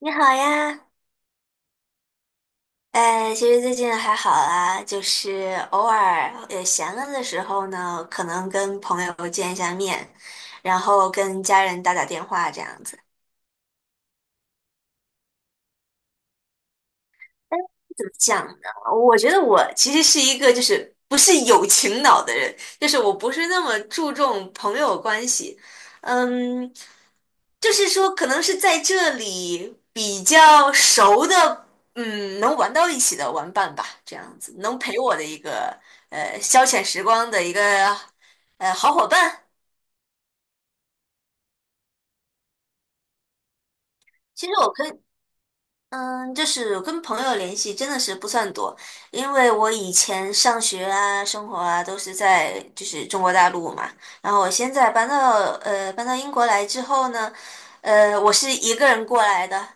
你好呀。哎，其实最近还好啦，就是偶尔也闲了的时候呢，可能跟朋友见一下面，然后跟家人打打电话这样子。怎么讲呢？我觉得我其实是一个就是不是友情脑的人，就是我不是那么注重朋友关系，嗯，就是说可能是在这里比较熟的，嗯，能玩到一起的玩伴吧，这样子能陪我的一个消遣时光的一个好伙伴。其实我可以，嗯，就是跟朋友联系真的是不算多，因为我以前上学啊、生活啊都是在就是中国大陆嘛，然后我现在搬到英国来之后呢，我是一个人过来的，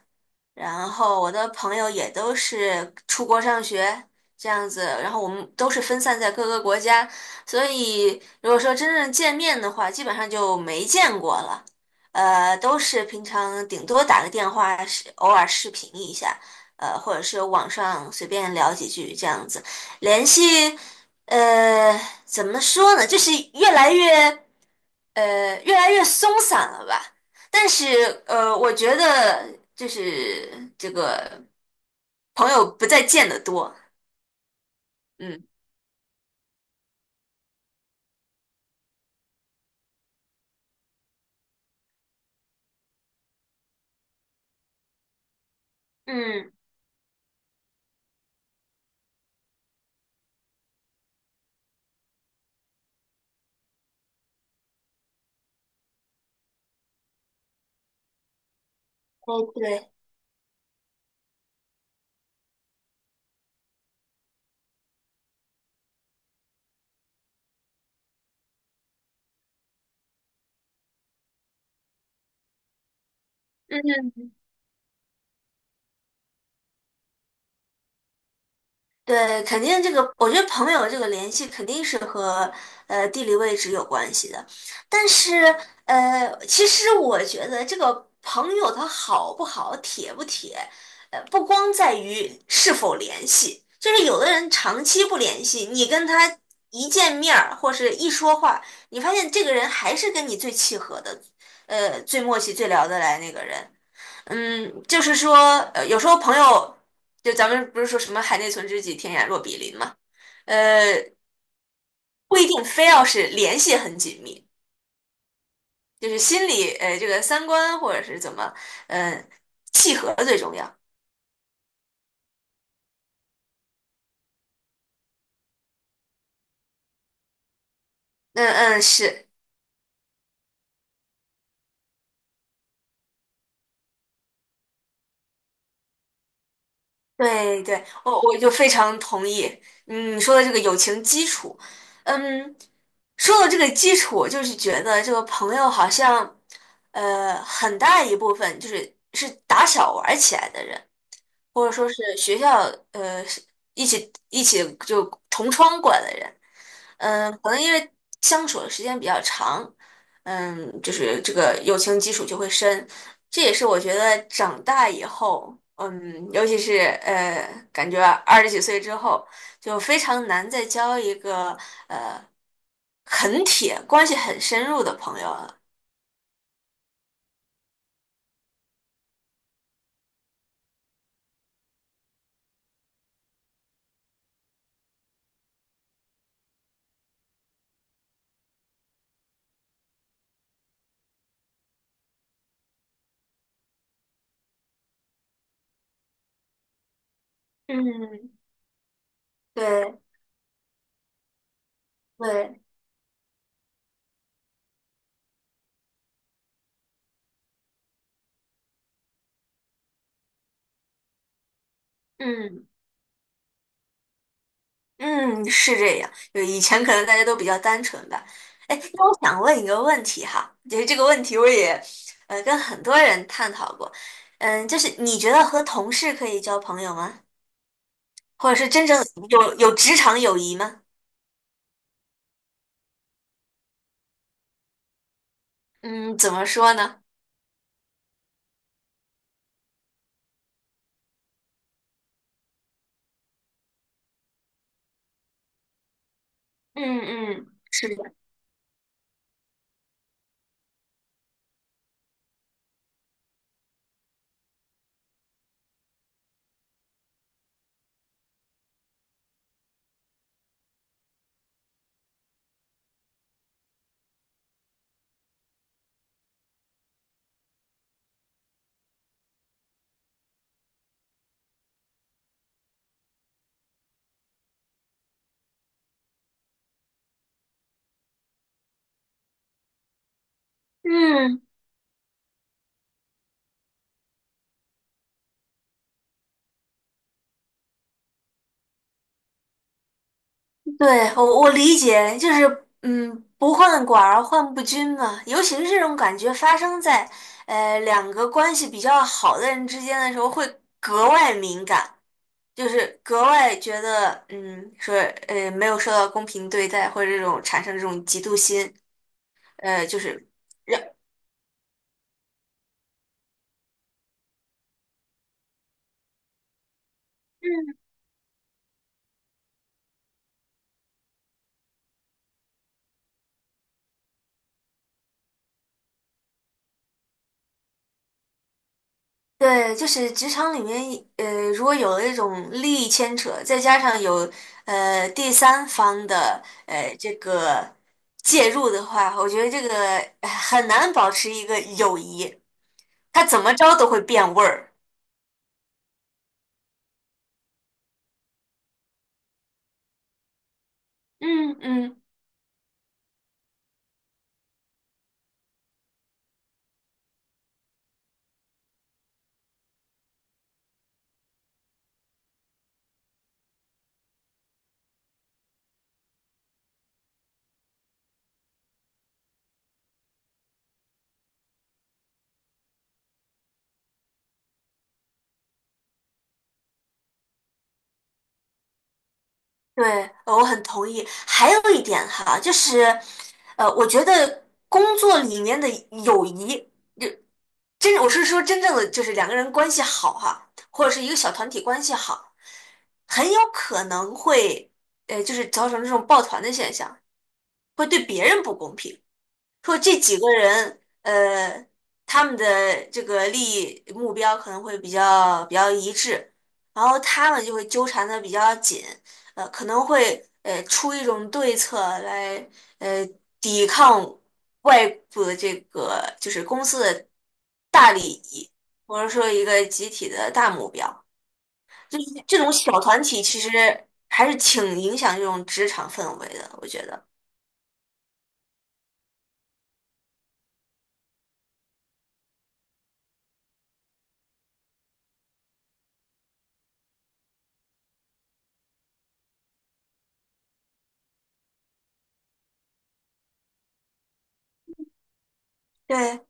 然后我的朋友也都是出国上学这样子，然后我们都是分散在各个国家，所以如果说真正见面的话，基本上就没见过了。都是平常顶多打个电话，是偶尔视频一下，或者是网上随便聊几句这样子，联系，呃，怎么说呢，就是越来越。越来越松散了吧。但是我觉得就是这个朋友不再见得多。嗯嗯，对对。嗯。对，肯定这个，我觉得朋友这个联系肯定是和地理位置有关系的，但是其实我觉得这个朋友他好不好、铁不铁，不光在于是否联系，就是有的人长期不联系，你跟他一见面儿或是一说话，你发现这个人还是跟你最契合的，最默契、最聊得来那个人。嗯，就是说，有时候朋友，就咱们不是说什么“海内存知己，天涯若比邻”嘛，呃，不一定非要是联系很紧密，就是心里，这个三观或者是怎么，嗯、契合最重要。嗯嗯，是，对对，我就非常同意。嗯，你说的这个友情基础，嗯，说到这个基础，我就是觉得这个朋友好像，很大一部分就是是打小玩儿起来的人。或者说是学校是一起就同窗过来的人，嗯，可能因为相处的时间比较长，嗯，就是这个友情基础就会深，这也是我觉得长大以后，嗯，尤其是感觉二十几岁之后，就非常难再交一个很铁、关系很深入的朋友了。嗯，对对，嗯。嗯，是这样。就以前可能大家都比较单纯吧。哎，那我想问一个问题哈，就是这个问题我也跟很多人探讨过。嗯，就是你觉得和同事可以交朋友吗？或者是真正有职场友谊吗？嗯，怎么说呢？嗯嗯，是的。嗯。对，我理解，就是嗯，不患寡而患不均嘛。尤其是这种感觉发生在两个关系比较好的人之间的时候，会格外敏感，就是格外觉得嗯，说没有受到公平对待，或者这种产生这种嫉妒心，就是让。对，就是职场里面，如果有了一种利益牵扯，再加上有第三方的这个介入的话，我觉得这个很难保持一个友谊，它怎么着都会变味儿。嗯嗯，对，我很同意。还有一点哈，就是我觉得工作里面的友谊。我是说真正的就是两个人关系好哈，或者是一个小团体关系好，很有可能会就是造成这种抱团的现象，会对别人不公平。说这几个人，呃，他们的这个利益目标可能会比较一致，然后他们就会纠缠的比较紧，可能会出一种对策来呃抵抗外部的这个就是公司的大利益，或者说一个集体的大目标，就是这种小团体其实还是挺影响这种职场氛围的，我觉得。对，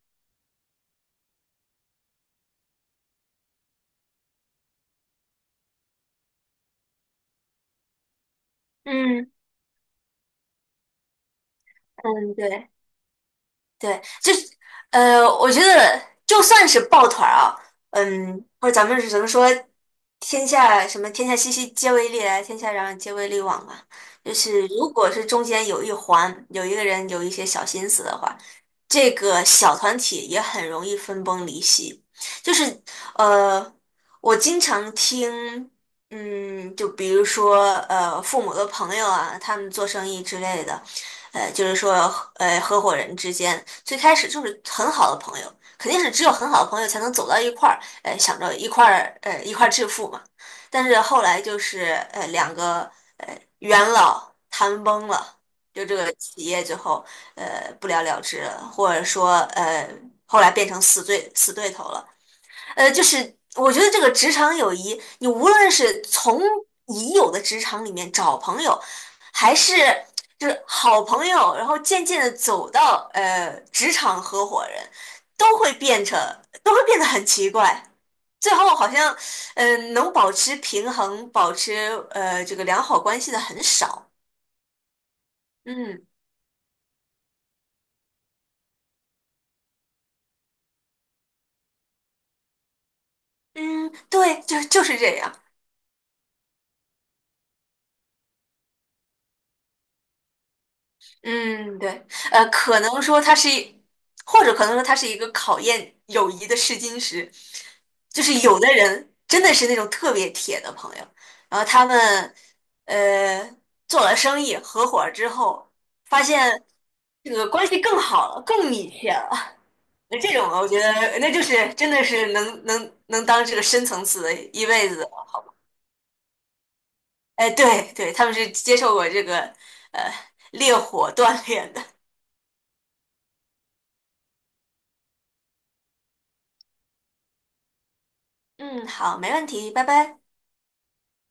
嗯嗯，对。对，就是我觉得就算是抱团儿啊，嗯，或者咱们是怎么说，天下熙熙皆为利来，天下攘攘皆为利往嘛。就是如果是中间有一环有一个人有一些小心思的话，这个小团体也很容易分崩离析。就是呃，我经常听。嗯，就比如说，呃，父母的朋友啊，他们做生意之类的，呃，就是说，合伙人之间最开始就是很好的朋友，肯定是只有很好的朋友才能走到一块儿，想着一块儿，一块儿致富嘛。但是后来就是，呃，两个元老谈崩了，就这个企业最后，不了了之了，或者说，后来变成死对头了。就是我觉得这个职场友谊，你无论是从已有的职场里面找朋友，还是就是好朋友，然后渐渐的走到职场合伙人，都会变成都会变得很奇怪。最后好像，嗯、呃，能保持平衡、保持这个良好关系的很少。嗯嗯，对，就就是这样。嗯，对，可能说它是一，或者可能说它是一个考验友谊的试金石，就是有的人真的是那种特别铁的朋友，然后他们呃做了生意合伙儿之后，发现这个关系更好了，更密切了。那这种我觉得那就是真的是能当这个深层次的一辈子的。哎，对对，他们是接受过这个呃烈火锻炼的。嗯，好，没问题，拜拜。